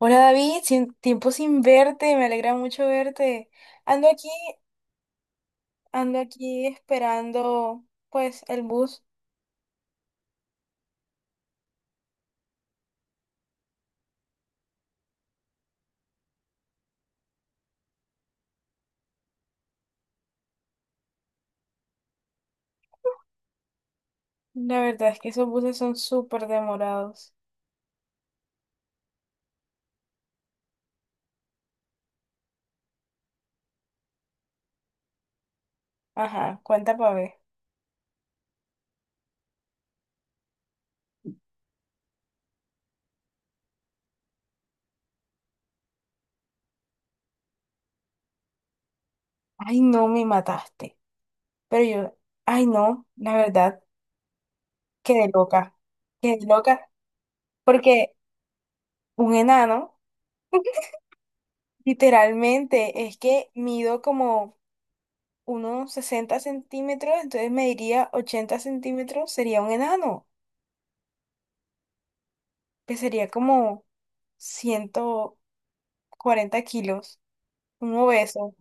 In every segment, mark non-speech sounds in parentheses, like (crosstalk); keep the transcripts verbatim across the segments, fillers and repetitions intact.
Hola David, sin, tiempo sin verte, me alegra mucho verte. Ando aquí, ando aquí esperando pues el bus. La verdad es que esos buses son súper demorados. Ajá, cuenta para ver. Ay, no, me mataste. Pero yo, ay, no, la verdad, quedé loca. Quedé loca porque un enano, (laughs) literalmente, es que mido como unos sesenta centímetros, entonces me diría ochenta centímetros, sería un enano. Que sería como ciento cuarenta kilos, un obeso.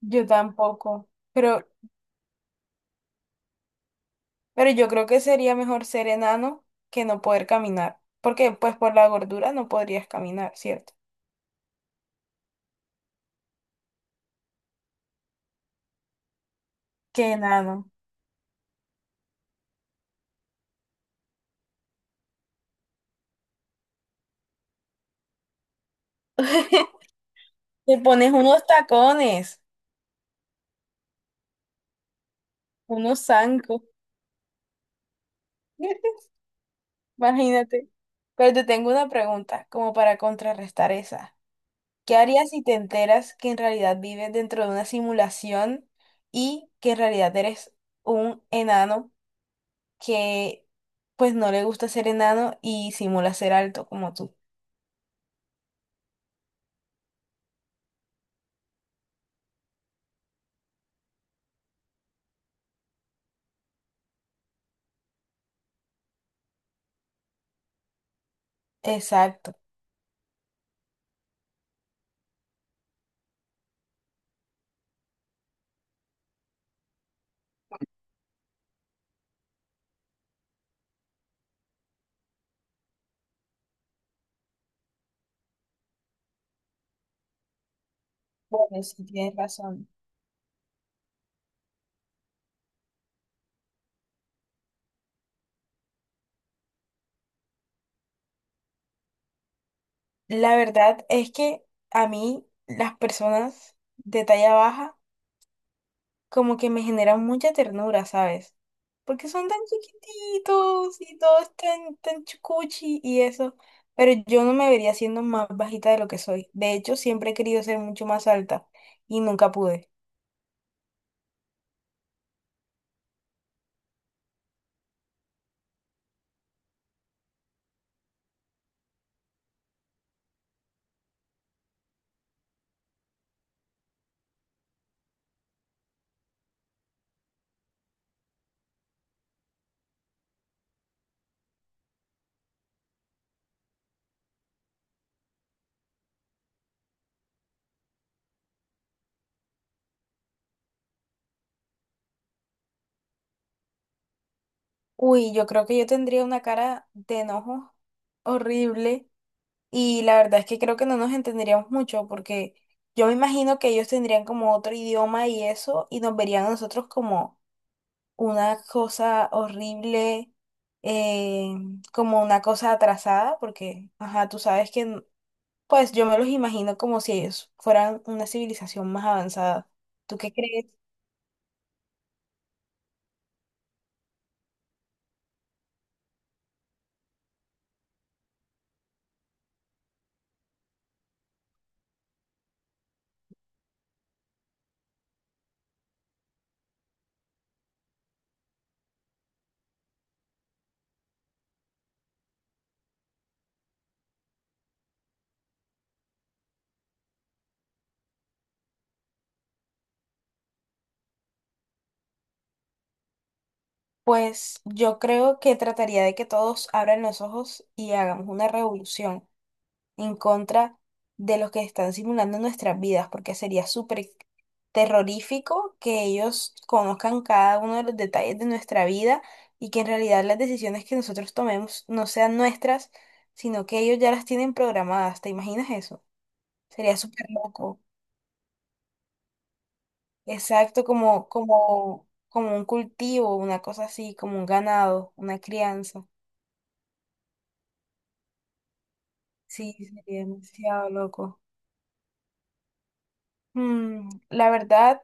Yo tampoco, pero, pero yo creo que sería mejor ser enano que no poder caminar, porque pues por la gordura no podrías caminar, ¿cierto? Qué enano. (laughs) Te pones unos tacones, unos zancos. (laughs) Imagínate. Pero te tengo una pregunta, como para contrarrestar esa. ¿Qué harías si te enteras que en realidad vives dentro de una simulación y que en realidad eres un enano que pues no le gusta ser enano y simula ser alto como tú? Exacto. Bueno, sí tienes razón. La verdad es que a mí las personas de talla baja como que me generan mucha ternura, ¿sabes? Porque son tan chiquititos y todos tan, tan chucuchi y eso. Pero yo no me vería siendo más bajita de lo que soy. De hecho, siempre he querido ser mucho más alta y nunca pude. Uy, yo creo que yo tendría una cara de enojo horrible y la verdad es que creo que no nos entenderíamos mucho porque yo me imagino que ellos tendrían como otro idioma y eso y nos verían a nosotros como una cosa horrible, eh, como una cosa atrasada, porque, ajá, tú sabes que, n- pues yo me los imagino como si ellos fueran una civilización más avanzada. ¿Tú qué crees? Pues yo creo que trataría de que todos abran los ojos y hagamos una revolución en contra de los que están simulando nuestras vidas, porque sería súper terrorífico que ellos conozcan cada uno de los detalles de nuestra vida y que en realidad las decisiones que nosotros tomemos no sean nuestras, sino que ellos ya las tienen programadas. ¿Te imaginas eso? Sería súper loco. Exacto, como, como, como un cultivo, una cosa así, como un ganado, una crianza. Sí, sería demasiado loco. Mm, la verdad.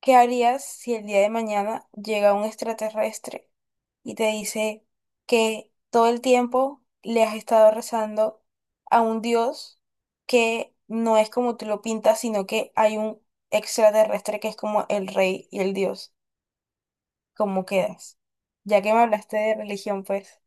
¿Qué harías si el día de mañana llega un extraterrestre y te dice que todo el tiempo le has estado rezando a un Dios que no es como tú lo pintas, sino que hay un extraterrestre que es como el rey y el Dios? ¿Cómo quedas? Ya que me hablaste de religión, pues.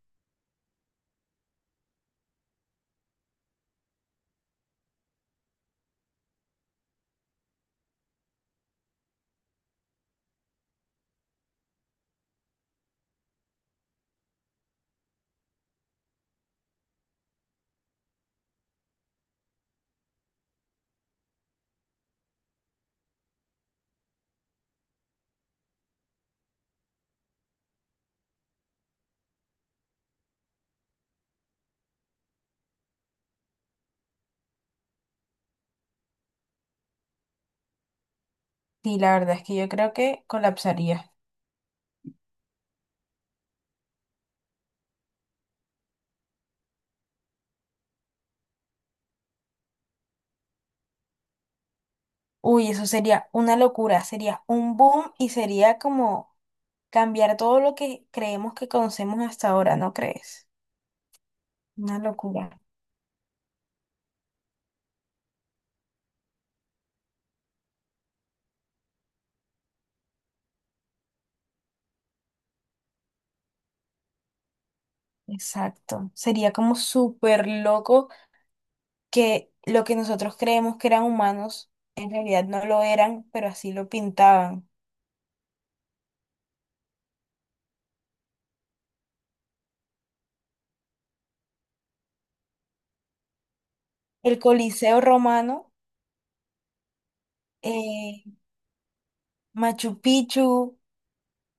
Sí, la verdad es que yo creo que colapsaría. Uy, eso sería una locura, sería un boom y sería como cambiar todo lo que creemos que conocemos hasta ahora, ¿no crees? Una locura. Exacto. Sería como súper loco que lo que nosotros creemos que eran humanos, en realidad no lo eran, pero así lo pintaban. El Coliseo Romano, eh, Machu Picchu.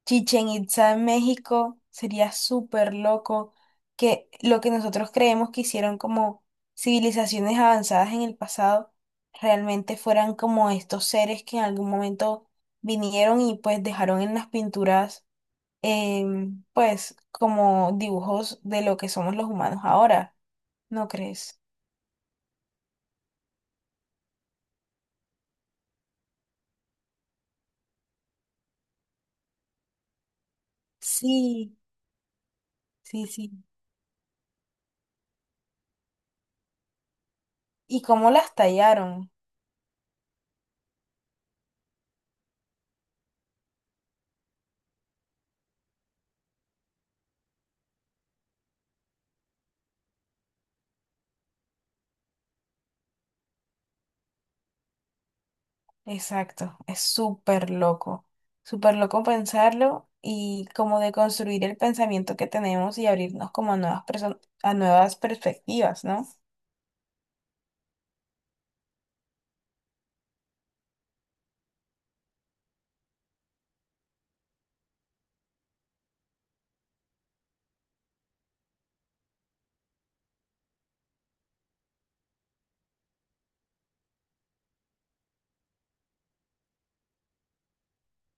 Chichen Itza en México sería súper loco que lo que nosotros creemos que hicieron como civilizaciones avanzadas en el pasado realmente fueran como estos seres que en algún momento vinieron y pues dejaron en las pinturas em, pues como dibujos de lo que somos los humanos ahora, ¿no crees? Sí, sí, sí. ¿Y cómo las tallaron? Exacto, es súper loco, súper loco pensarlo y como de construir el pensamiento que tenemos y abrirnos como a nuevas perso- a nuevas perspectivas, ¿no?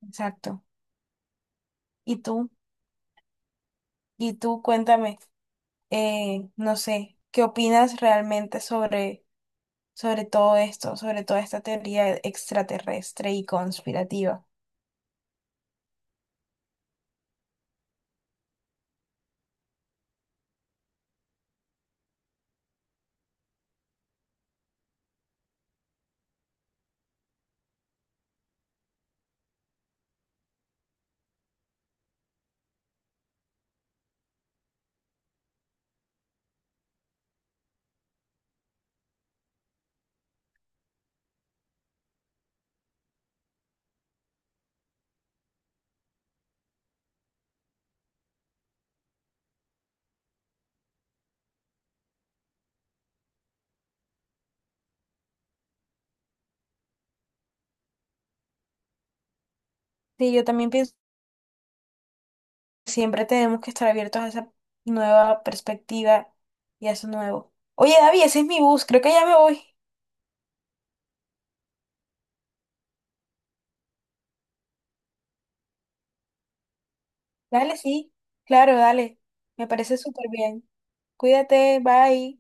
Exacto. Y tú, y tú cuéntame, eh, no sé, ¿qué opinas realmente sobre, sobre todo esto, sobre toda esta teoría extraterrestre y conspirativa? Sí, yo también pienso siempre tenemos que estar abiertos a esa nueva perspectiva y a eso nuevo. Oye, David, ese es mi bus, creo que ya me voy. Dale, sí, claro, dale. Me parece súper bien. Cuídate, bye.